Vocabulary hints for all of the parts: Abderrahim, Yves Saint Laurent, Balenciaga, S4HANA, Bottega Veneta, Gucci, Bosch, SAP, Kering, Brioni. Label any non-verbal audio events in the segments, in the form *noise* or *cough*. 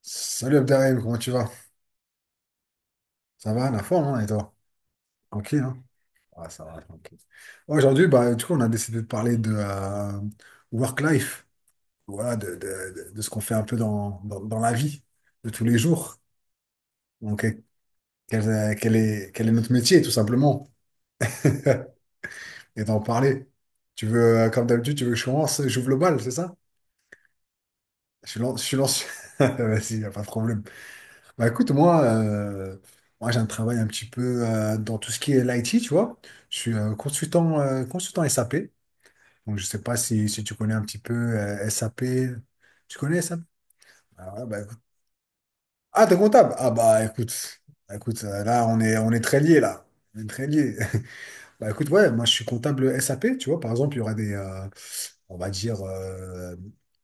Salut Abderrahim, comment tu vas? Ça va, la forme, hein, et toi? Tranquille, hein? Ah, ça va, tranquille. Aujourd'hui, bah, du coup, on a décidé de parler de work-life, voilà, de ce qu'on fait un peu dans la vie de tous les jours. Donc, quel est notre métier, tout simplement, *laughs* et d'en parler. Tu veux, comme d'habitude, tu veux que je commence, j'ouvre le bal, c'est ça? Je suis lancé. *laughs* Vas-y, y a pas de problème. Bah écoute, moi j'ai un travail un petit peu dans tout ce qui est l'IT, tu vois. Je suis consultant SAP. Donc je sais pas si tu connais un petit peu SAP. Tu connais SAP? Ah, ouais, bah, écoute. Ah, t'es comptable? Ah bah écoute, là on est très liés là. On est très liés. *laughs* Bah écoute, ouais, moi je suis comptable SAP, tu vois. Par exemple, il y aura des, on va dire,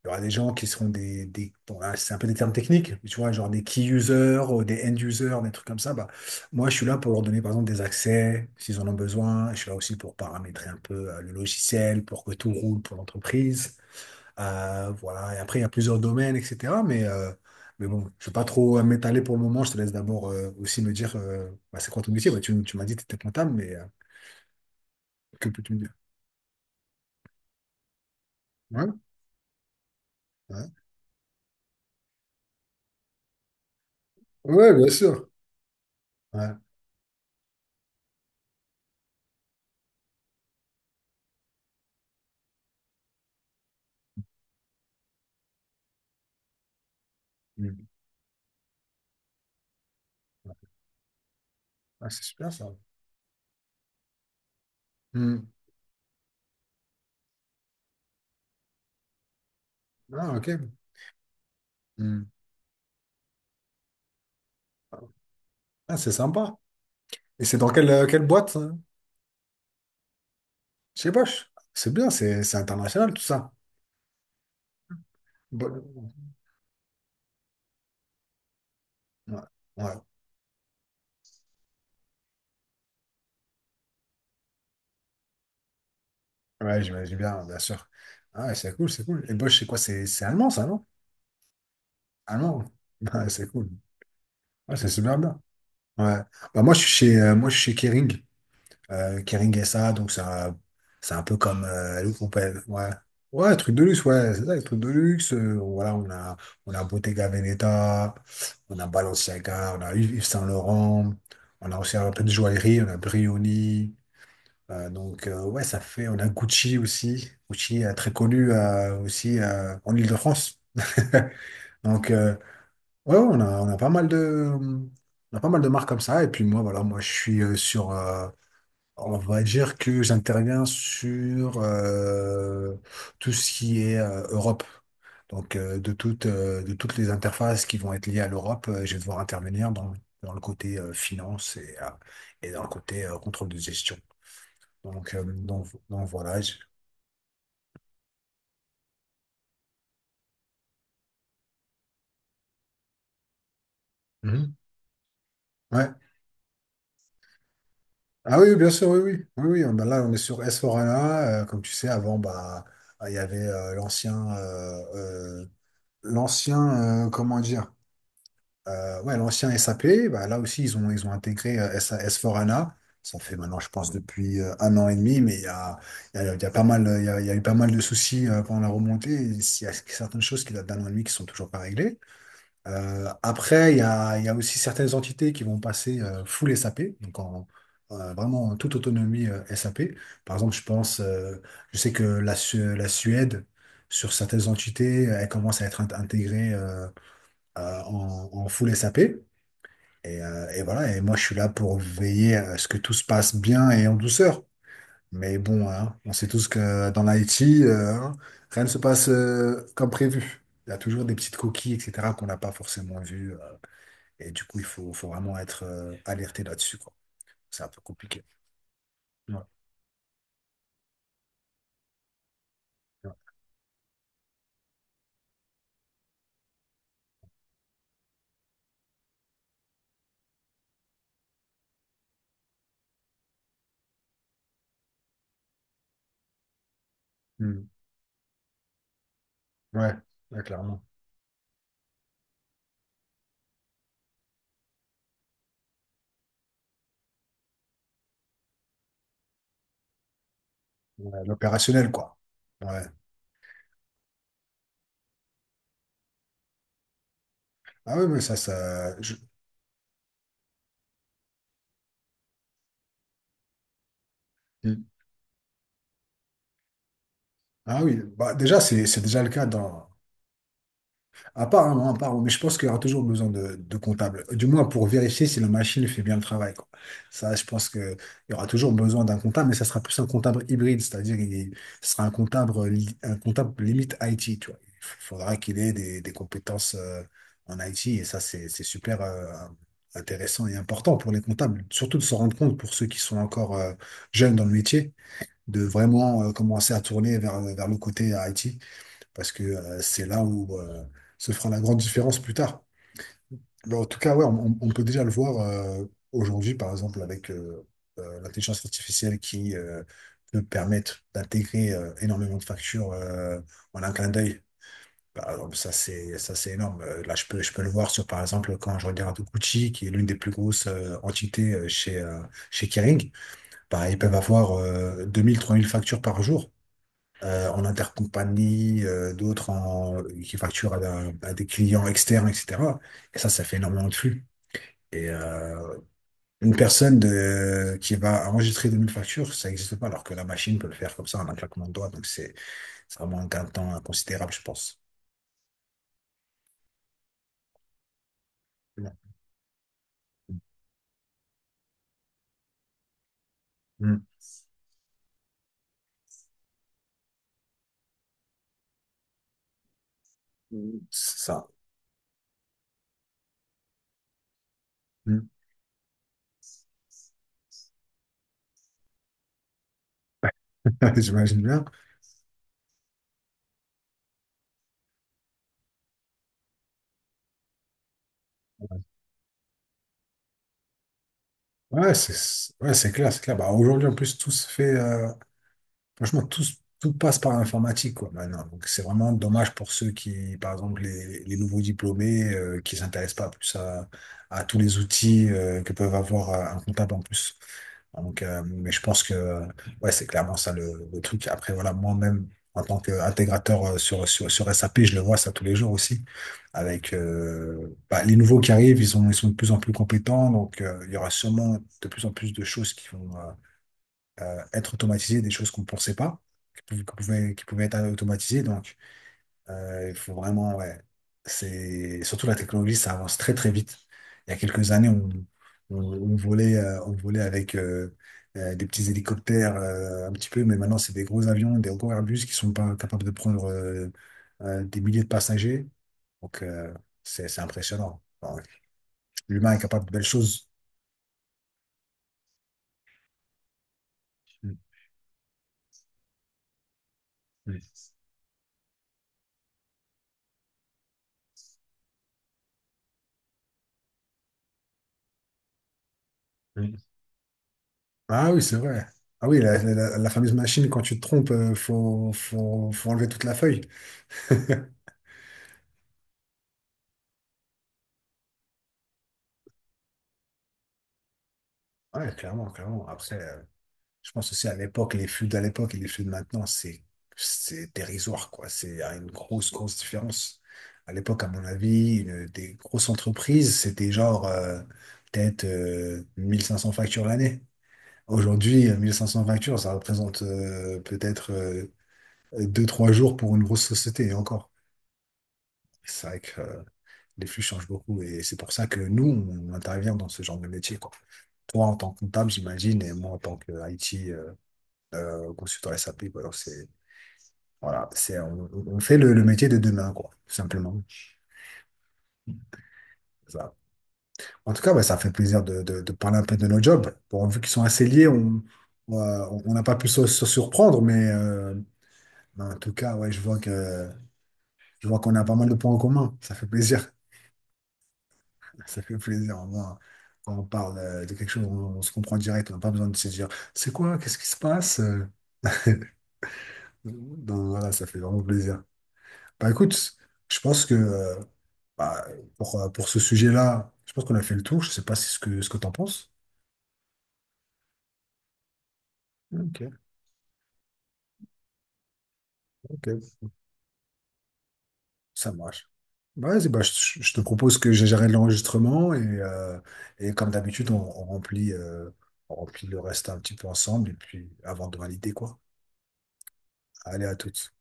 il y aura des gens qui seront des bon, là, c'est un peu des termes techniques, mais tu vois, genre des key users, ou des end users, des trucs comme ça. Bah, moi, je suis là pour leur donner, par exemple, des accès s'ils en ont besoin. Je suis là aussi pour paramétrer un peu le logiciel pour que tout roule pour l'entreprise. Voilà. Et après, il y a plusieurs domaines, etc. Mais bon, je ne vais pas trop m'étaler pour le moment. Je te laisse d'abord aussi me dire, bah, c'est quoi ton métier? Bah, tu m'as dit que tu étais comptable, mais que peux-tu me dire? Ouais, ouais. Ouais, bien sûr. Ouais. Ah, c'est super ça. Hmm. Ah, ok. Hmm. Ah, c'est sympa. Et c'est dans quelle boîte, ça? Chez Bosch. C'est bien, c'est international tout ça. Bo- Ouais, ouais, ouais, j'imagine bien, bien sûr. Ah, ouais, c'est cool, c'est cool. Et Bosch, c'est quoi? C'est allemand ça, non? Allemand. *laughs* Ah, c'est cool. Ah, c'est super bien. Ouais. Bah, moi, je suis chez Kering. Kering SA, donc c'est un peu comme le groupe, ouais. Ouais, truc de luxe, ouais, c'est ça, les trucs de luxe. Voilà, on a Bottega Veneta, on a Balenciaga, on a Yves Saint Laurent, on a aussi un peu de joaillerie, on a Brioni. Donc, ouais, ça fait, on a Gucci aussi. Gucci, très connu aussi en Île-de-France. *laughs* Donc, ouais, ouais, on a pas mal de, on a pas mal de marques comme ça. Et puis moi, voilà, moi, je suis sur, on va dire que j'interviens sur tout ce qui est Europe. Donc, de toutes les interfaces qui vont être liées à l'Europe, je vais devoir intervenir dans le côté finance et dans le côté contrôle de gestion. Donc, voilà. Mhm. Ouais. Ah oui, bien sûr, oui, oui. Oui, oui, bah là, on est sur S4HANA. Comme tu sais, avant, bah, il y avait euh, l'ancien, comment dire? Ouais, l'ancien SAP, bah, là aussi, ils ont intégré S4HANA. Ça fait maintenant, je pense, depuis un an et demi, mais il y a eu pas mal de soucis pendant la remontée. Il y a certaines choses qui datent d'un an et demi qui sont toujours pas réglées. Après, il y a aussi certaines entités qui vont passer full SAP, donc en, vraiment en toute autonomie SAP. Par exemple, je pense, je sais que la Suède, sur certaines entités, elle commence à être intégrée en full SAP. Et voilà, et moi je suis là pour veiller à ce que tout se passe bien et en douceur. Mais bon, hein, on sait tous que dans l'IT, hein, rien ne se passe comme prévu. Il y a toujours des petites coquilles, etc., qu'on n'a pas forcément vues. Et du coup, il faut vraiment être alerté là-dessus, quoi. C'est un peu compliqué. Ouais, ouais. Hmm. Ouais, ouais, clairement. Ouais, l'opérationnel, quoi. Ouais. Ah oui, mais ça, ça. Hmm. Ah oui, bah, déjà, c'est déjà le cas dans. À part, hein, non, à part, mais je pense qu'il y aura toujours besoin de comptable. Du moins pour vérifier si la machine fait bien le travail, quoi. Ça, je pense qu'il y aura toujours besoin d'un comptable, mais ça sera plus un comptable hybride, c'est-à-dire il ce sera un comptable limite IT, tu vois. Il faudra qu'il ait des compétences en IT, et ça, c'est super intéressant et important pour les comptables, surtout de se rendre compte pour ceux qui sont encore jeunes dans le métier, de vraiment commencer à tourner vers le côté IT parce que c'est là où se fera la grande différence plus tard. Mais en tout cas, ouais, on peut déjà le voir aujourd'hui, par exemple, avec l'intelligence artificielle qui peut permettre d'intégrer énormément de factures en un clin d'œil. Par exemple, ça, c'est énorme. Là, je peux le voir sur, par exemple, quand je regarde Gucci, qui est l'une des plus grosses entités chez Kering, bah, ils peuvent avoir 2000, 3000 factures par jour en intercompagnie, qui facturent à, à des clients externes, etc. Et ça fait énormément de flux. Et une personne qui va enregistrer 2000 factures, ça n'existe pas, alors que la machine peut le faire comme ça en un claquement de doigts. Donc, c'est vraiment un gain de temps considérable, je pense. Ouais. Mm. Mm. C'est ça. Mm. *laughs* J'imagine bien. Ouais, ouais, c'est clair, c'est clair. Bah, aujourd'hui, en plus, tout se fait. Franchement, tout passe par l'informatique, quoi, maintenant. Donc, c'est vraiment dommage pour ceux qui, par exemple, les nouveaux diplômés, qui s'intéressent pas plus à, tous les outils, que peuvent avoir un comptable en plus. Donc, mais je pense que, ouais, c'est clairement ça le truc. Après, voilà, moi-même, en tant qu'intégrateur sur SAP, je le vois ça tous les jours aussi. Avec bah, les nouveaux qui arrivent, ils sont de plus en plus compétents. Donc, il y aura sûrement de plus en plus de choses qui vont, être automatisé des choses qu'on ne pensait pas, qui pouvaient être automatisées. Donc, il faut vraiment, ouais, c'est surtout la technologie, ça avance très très vite. Il y a quelques années, on volait avec des petits hélicoptères un petit peu, mais maintenant, c'est des gros avions, des gros Airbus qui sont pas capables de prendre des milliers de passagers. Donc, c'est impressionnant. Bon, l'humain est capable de belles choses. Mm, mm. Ah oui, c'est vrai. Ah oui, la fameuse machine, quand tu te trompes, faut enlever toute la feuille. *laughs* Ouais, clairement, clairement. Après, je pense aussi à l'époque, les flux d'à l'époque et les flux de maintenant, c'est dérisoire, quoi. Il y a une grosse, grosse différence. À l'époque, à mon avis, des grosses entreprises, c'était genre, peut-être, 1500 factures l'année. Aujourd'hui, 1500 factures, ça représente, peut-être, deux trois jours pour une grosse société, et encore. C'est vrai que les flux changent beaucoup et c'est pour ça que nous, on intervient dans ce genre de métier, quoi. Toi, en tant que comptable, j'imagine, et moi, en tant que IT, consultant SAP, quoi. Donc, voilà, on fait le métier de demain, quoi, tout simplement. Ça. En tout cas, ouais, ça fait plaisir de, de parler un peu de nos jobs. Bon, vu qu'ils sont assez liés, on n'a pas pu se surprendre, mais bah, en tout cas, ouais, je vois qu'on a pas mal de points en commun. Ça fait plaisir. Ça fait plaisir, au moins, quand on parle de quelque chose, on se comprend direct, on n'a pas besoin de se dire, c'est quoi, qu'est-ce qui se passe? Donc voilà, ça fait vraiment plaisir. Bah écoute, je pense que bah, pour ce sujet-là, je pense qu'on a fait le tour, je sais pas si ce que t'en penses. Ok, ok. Ça marche. Bah, vas-y, bah, je te propose que j'arrête l'enregistrement et comme d'habitude, on remplit le reste un petit peu ensemble et puis avant de valider, quoi. Allez, à toutes.